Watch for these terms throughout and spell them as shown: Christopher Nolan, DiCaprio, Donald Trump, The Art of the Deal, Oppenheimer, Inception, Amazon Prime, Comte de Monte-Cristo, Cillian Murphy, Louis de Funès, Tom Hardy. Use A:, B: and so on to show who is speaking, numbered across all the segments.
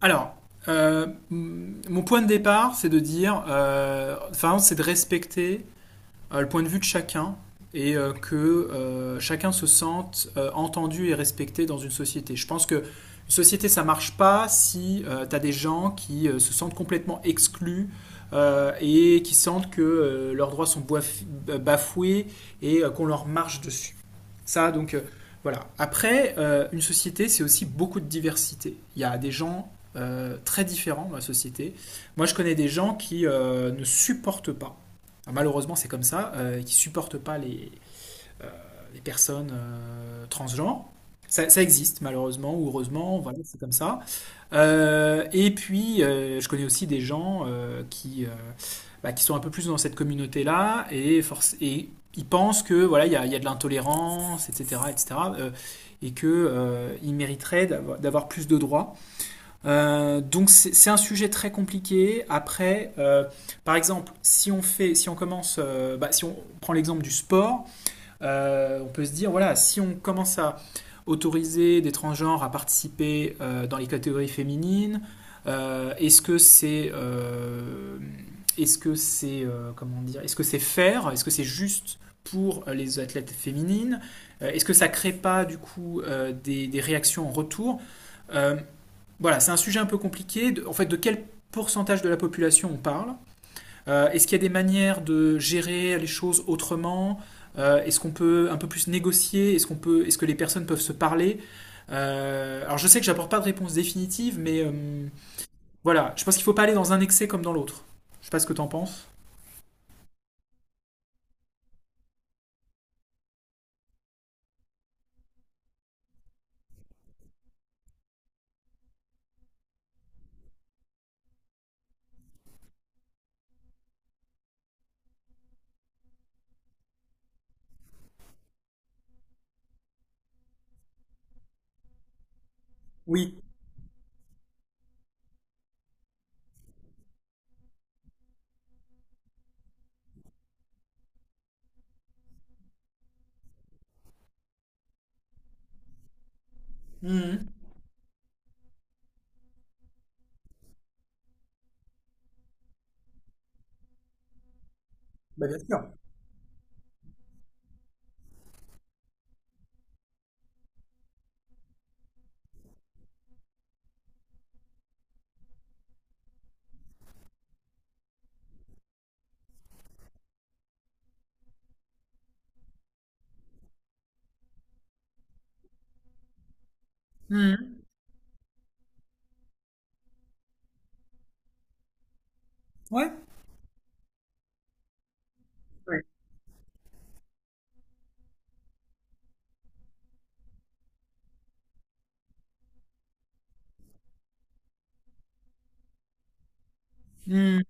A: Alors, euh, mon point de départ, c'est de dire, enfin, c'est de respecter le point de vue de chacun et que chacun se sente entendu et respecté dans une société. Je pense que une société, ça marche pas si tu as des gens qui se sentent complètement exclus et qui sentent que leurs droits sont bafoués et qu'on leur marche dessus. Ça, donc, voilà. Après, une société, c'est aussi beaucoup de diversité. Il y a des gens très différents dans la société. Moi, je connais des gens qui ne supportent pas, ah, malheureusement, c'est comme ça, qui ne supportent pas euh, les personnes transgenres. Ça existe, malheureusement ou heureusement, voilà, c'est comme ça. Et puis, je connais aussi des gens bah, qui sont un peu plus dans cette communauté-là et, et ils pensent que voilà, il y a de l'intolérance, etc., etc., euh, et que ils mériteraient d'avoir plus de droits. Donc c'est un sujet très compliqué. Après, par exemple, si on prend l'exemple du sport, on peut se dire, voilà, si on commence à autoriser des transgenres à participer dans les catégories féminines. euh, est-ce que c'est... Euh, est-ce que c'est Comment dire? Est-ce que c'est juste pour les athlètes féminines? Est-ce que ça ne crée pas du coup des réactions en retour? euh, Voilà, c'est un sujet un peu compliqué. En fait, de quel pourcentage de la population on parle? Est-ce qu'il y a des manières de gérer les choses autrement? Est-ce qu'on peut un peu plus négocier? Est-ce que les personnes peuvent se parler? Alors je sais que j'apporte pas de réponse définitive, mais voilà, je pense qu'il faut pas aller dans un excès comme dans l'autre. Je sais pas ce que t'en penses. Oui. Mhm. Bah bien sûr. Mhm. Ouais. Ouais. Mhm.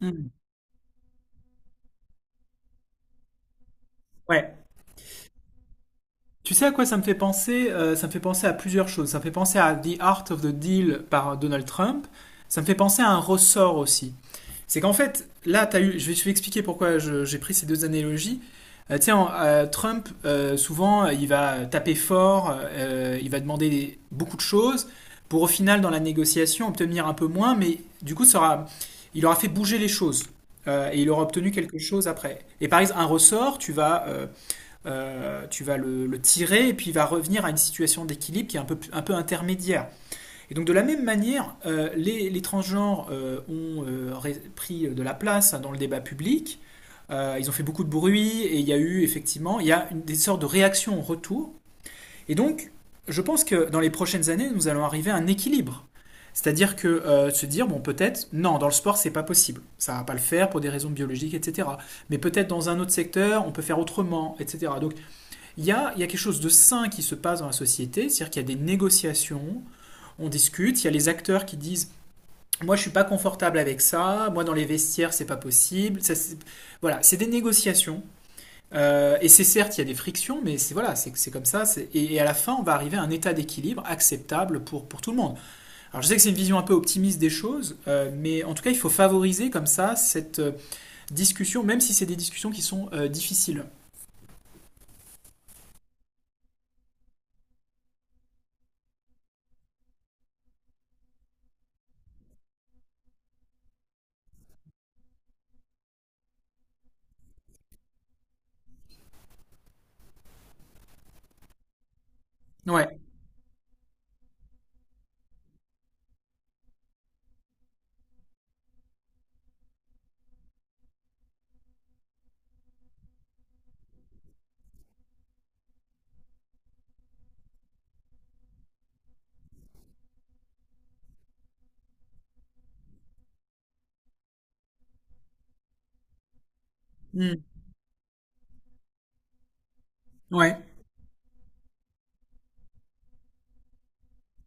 A: Mhm. Ouais. Tu sais à quoi ça me fait penser? Ça me fait penser à plusieurs choses. Ça me fait penser à The Art of the Deal par Donald Trump. Ça me fait penser à un ressort aussi. C'est qu'en fait, là, as eu, je vais te expliquer pourquoi j'ai pris ces deux analogies. Tiens, Trump, souvent, il va taper fort, il va demander beaucoup de choses pour au final, dans la négociation, obtenir un peu moins, mais du coup, il aura fait bouger les choses. Et il aura obtenu quelque chose après. Et par exemple, un ressort, tu vas le tirer et puis il va revenir à une situation d'équilibre qui est un peu intermédiaire. Et donc de la même manière, les transgenres ont pris de la place dans le débat public. Ils ont fait beaucoup de bruit et il y a eu effectivement il y a une, des sortes de réactions en retour. Et donc, je pense que dans les prochaines années, nous allons arriver à un équilibre. C'est-à-dire que se dire, bon, peut-être, non, dans le sport, c'est pas possible. Ça va pas le faire pour des raisons biologiques, etc. Mais peut-être dans un autre secteur, on peut faire autrement, etc. Donc, il y a quelque chose de sain qui se passe dans la société, c'est-à-dire qu'il y a des négociations, on discute, il y a les acteurs qui disent moi je suis pas confortable avec ça, moi dans les vestiaires c'est pas possible. Voilà, c'est des négociations. Et c'est certes, il y a des frictions, mais c'est voilà, c'est comme ça. Et à la fin, on va arriver à un état d'équilibre acceptable pour tout le monde. Alors je sais que c'est une vision un peu optimiste des choses, mais en tout cas, il faut favoriser comme ça cette discussion, même si c'est des discussions qui sont difficiles. Ouais. Hmm. Ouais.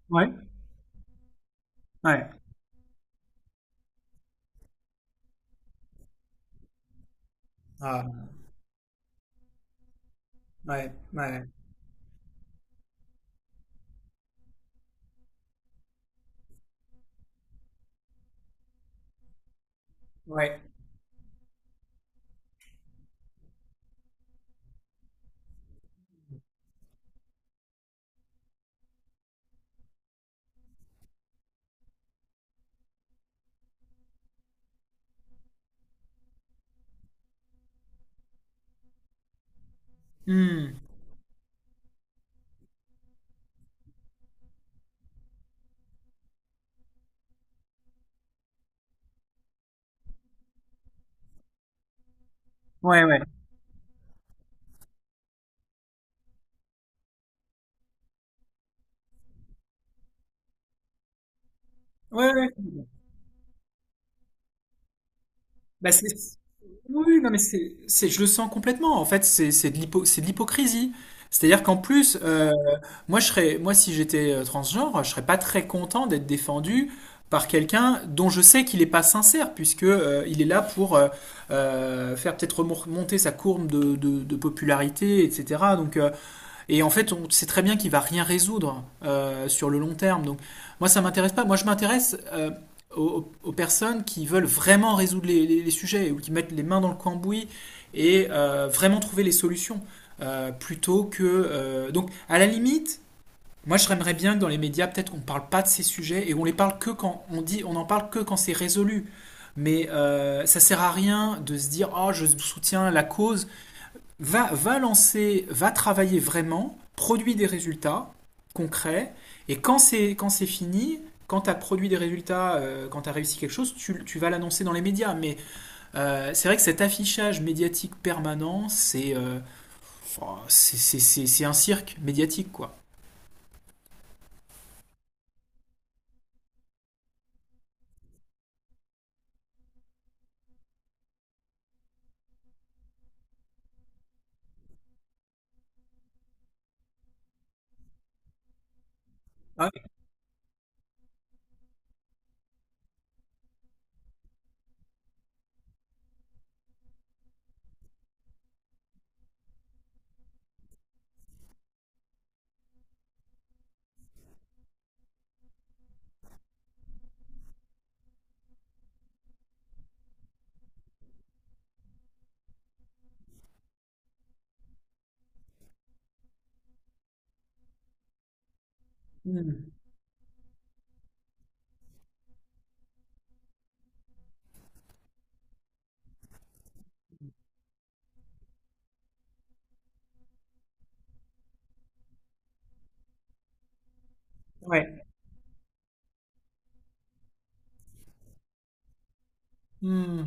A: Ouais. Ouais. Ah. Ouais. Ouais. Ouais. Hmm. Ouais. Ouais. Ouais. Ouais. Bah, c'est- Oui, non, mais je le sens complètement. En fait, c'est c'est de l'hypocrisie. C'est-à-dire qu'en plus, moi, si j'étais transgenre, je serais pas très content d'être défendu par quelqu'un dont je sais qu'il n'est pas sincère, puisque il est là pour faire peut-être monter sa courbe de popularité, etc. Donc, et en fait, on sait très bien qu'il va rien résoudre sur le long terme. Donc, moi, ça m'intéresse pas. Moi, je m'intéresse aux personnes qui veulent vraiment résoudre les sujets ou qui mettent les mains dans le cambouis et vraiment trouver les solutions plutôt que. Donc, à la limite, moi, je aimerais bien que dans les médias, peut-être qu'on parle pas de ces sujets et on les parle que on en parle que quand c'est résolu. Mais ça sert à rien de se dire, oh, je soutiens la cause. Va travailler vraiment, produis des résultats concrets, et quand c'est fini, quand tu as produit des résultats, quand tu as réussi quelque chose, tu vas l'annoncer dans les médias. Mais c'est vrai que cet affichage médiatique permanent, c'est oh, c'est un cirque médiatique, quoi. Ah, ouais. Hmm, ouais. Hmm.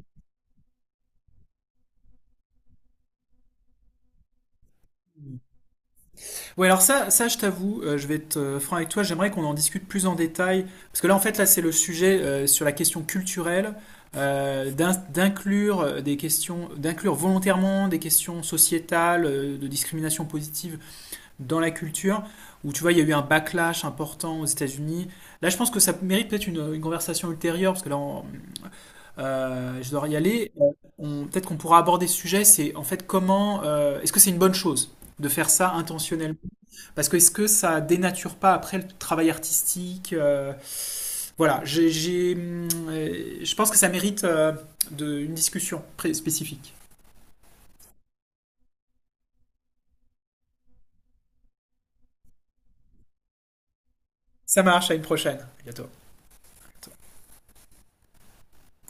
A: Ouais, alors ça je t'avoue, je vais être franc avec toi, j'aimerais qu'on en discute plus en détail, parce que là, en fait, là, c'est le sujet sur la question culturelle, d'inclure d'inclure volontairement des questions sociétales, de discrimination positive dans la culture, où tu vois, il y a eu un backlash important aux États-Unis. Là, je pense que ça mérite peut-être une conversation ultérieure, parce que là, je dois y aller. Peut-être qu'on pourra aborder ce sujet, c'est en fait est-ce que c'est une bonne chose de faire ça intentionnellement? Parce que est-ce que ça dénature pas après le travail artistique? Voilà, je pense que ça mérite une discussion spécifique. Ça marche, à une prochaine. À bientôt.